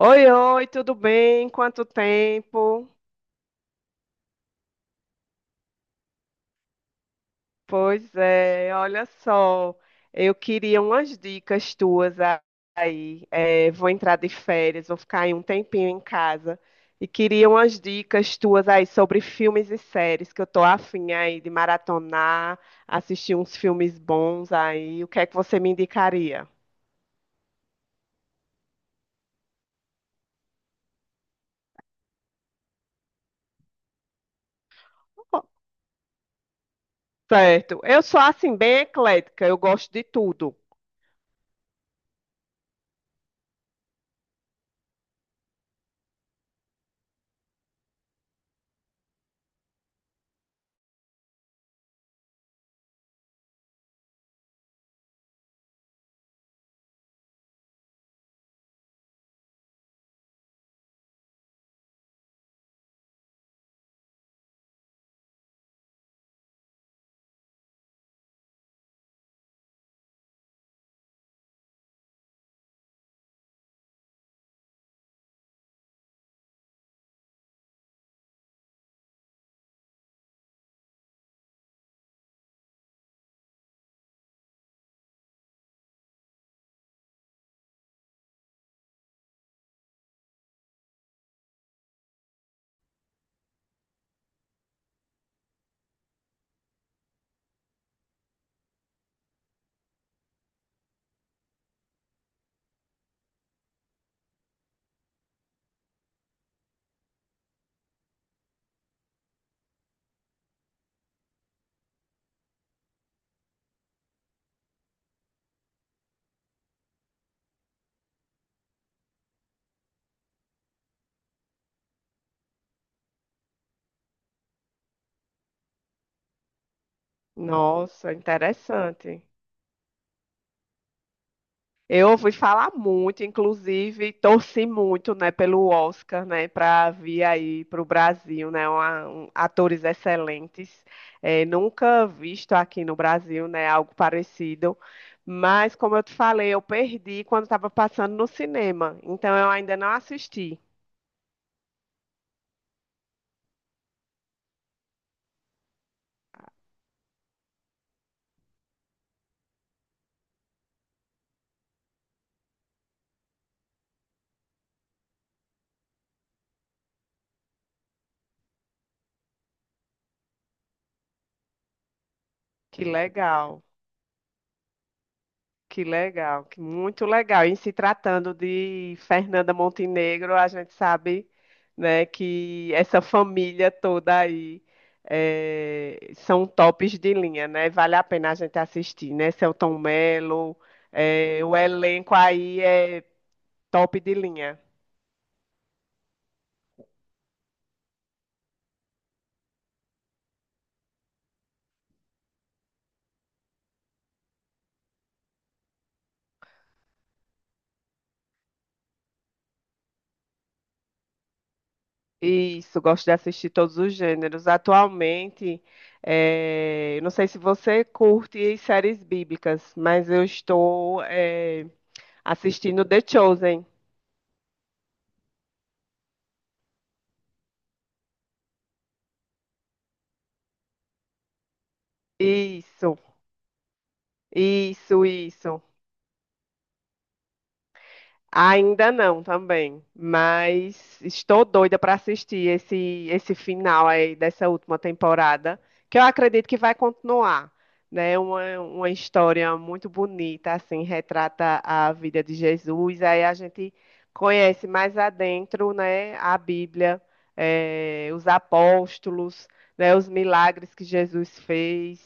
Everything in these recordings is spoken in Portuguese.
Oi, oi, tudo bem? Quanto tempo? Pois é, olha só, eu queria umas dicas tuas aí. Vou entrar de férias, vou ficar aí um tempinho em casa e queria umas dicas tuas aí sobre filmes e séries que eu tô afim aí de maratonar, assistir uns filmes bons aí. O que é que você me indicaria? Certo, eu sou assim bem eclética, eu gosto de tudo. Nossa, interessante. Eu ouvi falar muito, inclusive torci muito, né, pelo Oscar, né, para vir aí para o Brasil, né, atores excelentes. É, nunca visto aqui no Brasil, né, algo parecido. Mas como eu te falei, eu perdi quando estava passando no cinema, então eu ainda não assisti. Que legal. Que legal, que muito legal. E se tratando de Fernanda Montenegro, a gente sabe, né, que essa família toda aí são tops de linha, né? Vale a pena a gente assistir, né? Selton Mello, o elenco aí é top de linha. Isso, gosto de assistir todos os gêneros. Atualmente, não sei se você curte séries bíblicas, mas eu estou, assistindo The Chosen. Isso, isso, isso. Ainda não também, mas estou doida para assistir esse final aí dessa última temporada, que eu acredito que vai continuar, né? Uma história muito bonita, assim, retrata a vida de Jesus. Aí a gente conhece mais adentro, né? A Bíblia, os apóstolos, né? Os milagres que Jesus fez.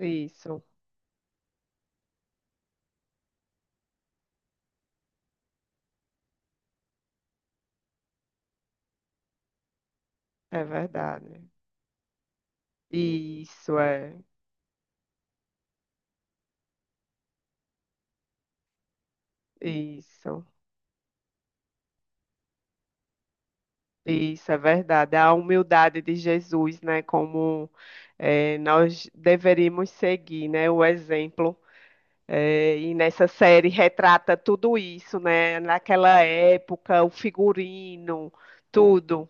Isso. É verdade. Isso é, isso, isso é verdade. A humildade de Jesus, né? Como nós deveríamos seguir, né? O exemplo. E nessa série retrata tudo isso, né? Naquela época, o figurino, tudo.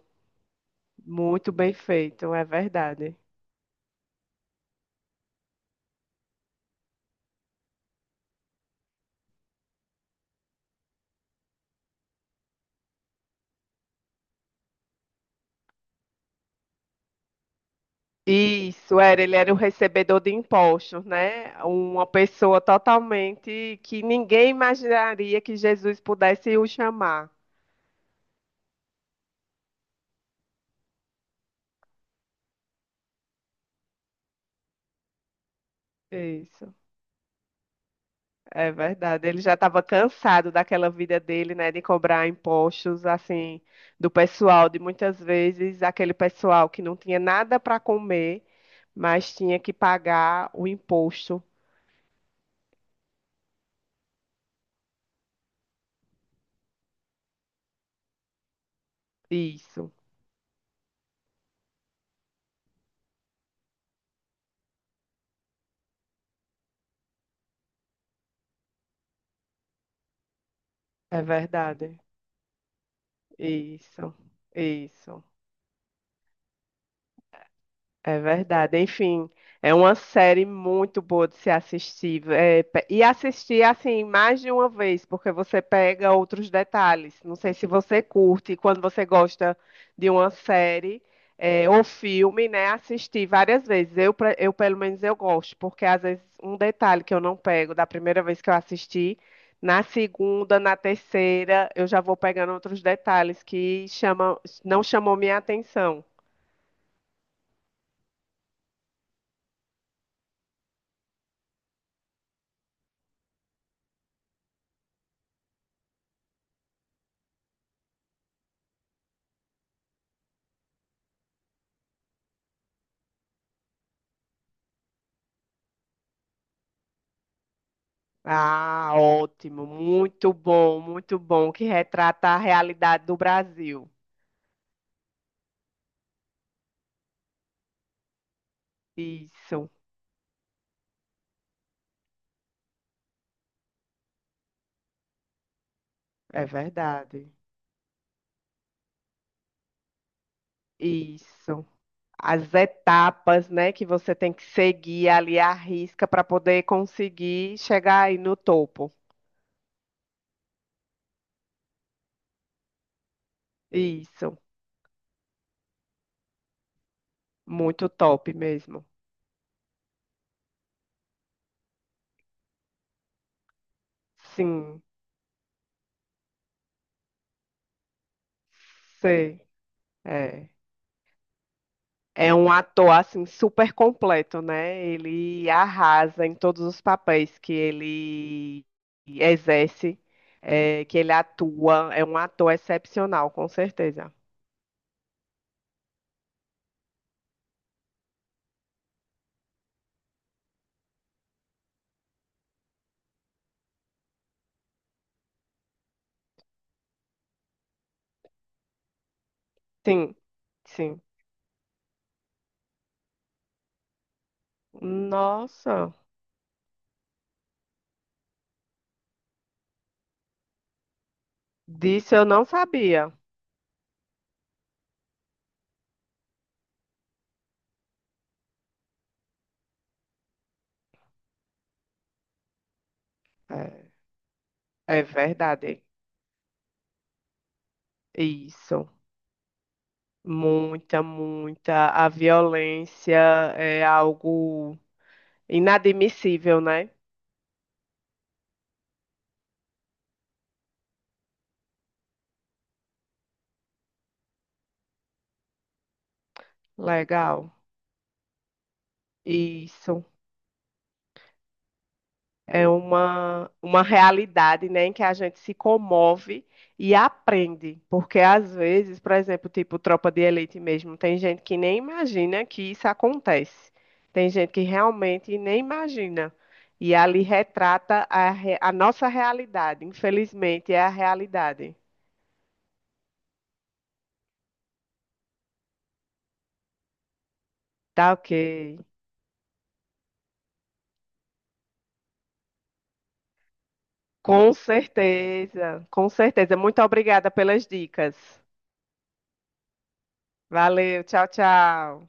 Muito bem feito, é verdade. Isso, era, ele era o recebedor de impostos, né? Uma pessoa totalmente que ninguém imaginaria que Jesus pudesse o chamar. Isso, é verdade. Ele já estava cansado daquela vida dele, né, de cobrar impostos, assim, do pessoal, de muitas vezes aquele pessoal que não tinha nada para comer, mas tinha que pagar o imposto. Isso, é verdade. Isso, isso. É verdade. Enfim, é uma série muito boa de se assistir. E assistir assim mais de uma vez, porque você pega outros detalhes. Não sei se você curte, quando você gosta de uma série é, ou filme, né? Assistir várias vezes. Eu, pelo menos, eu gosto, porque às vezes um detalhe que eu não pego da primeira vez que eu assisti, na segunda, na terceira, eu já vou pegando outros detalhes que chamam, não chamou minha atenção. Ah, ótimo, muito bom, que retrata a realidade do Brasil. Isso, é verdade. Isso. As etapas, né, que você tem que seguir ali à risca para poder conseguir chegar aí no topo. Isso, muito top mesmo. Sim, sei. É. É um ator assim super completo, né? Ele arrasa em todos os papéis que ele exerce, é, que ele atua. É um ator excepcional, com certeza. Sim, sim. Nossa, disso eu não sabia. É, é verdade. Isso. Muita, muita. A violência é algo inadmissível, né? Legal. Isso. É uma realidade, né, em que a gente se comove e aprende. Porque às vezes, por exemplo, tipo Tropa de Elite mesmo, tem gente que nem imagina que isso acontece. Tem gente que realmente nem imagina. E ali retrata a, re- a nossa realidade. Infelizmente, é a realidade. Tá ok. Com certeza, com certeza. Muito obrigada pelas dicas. Valeu, tchau, tchau.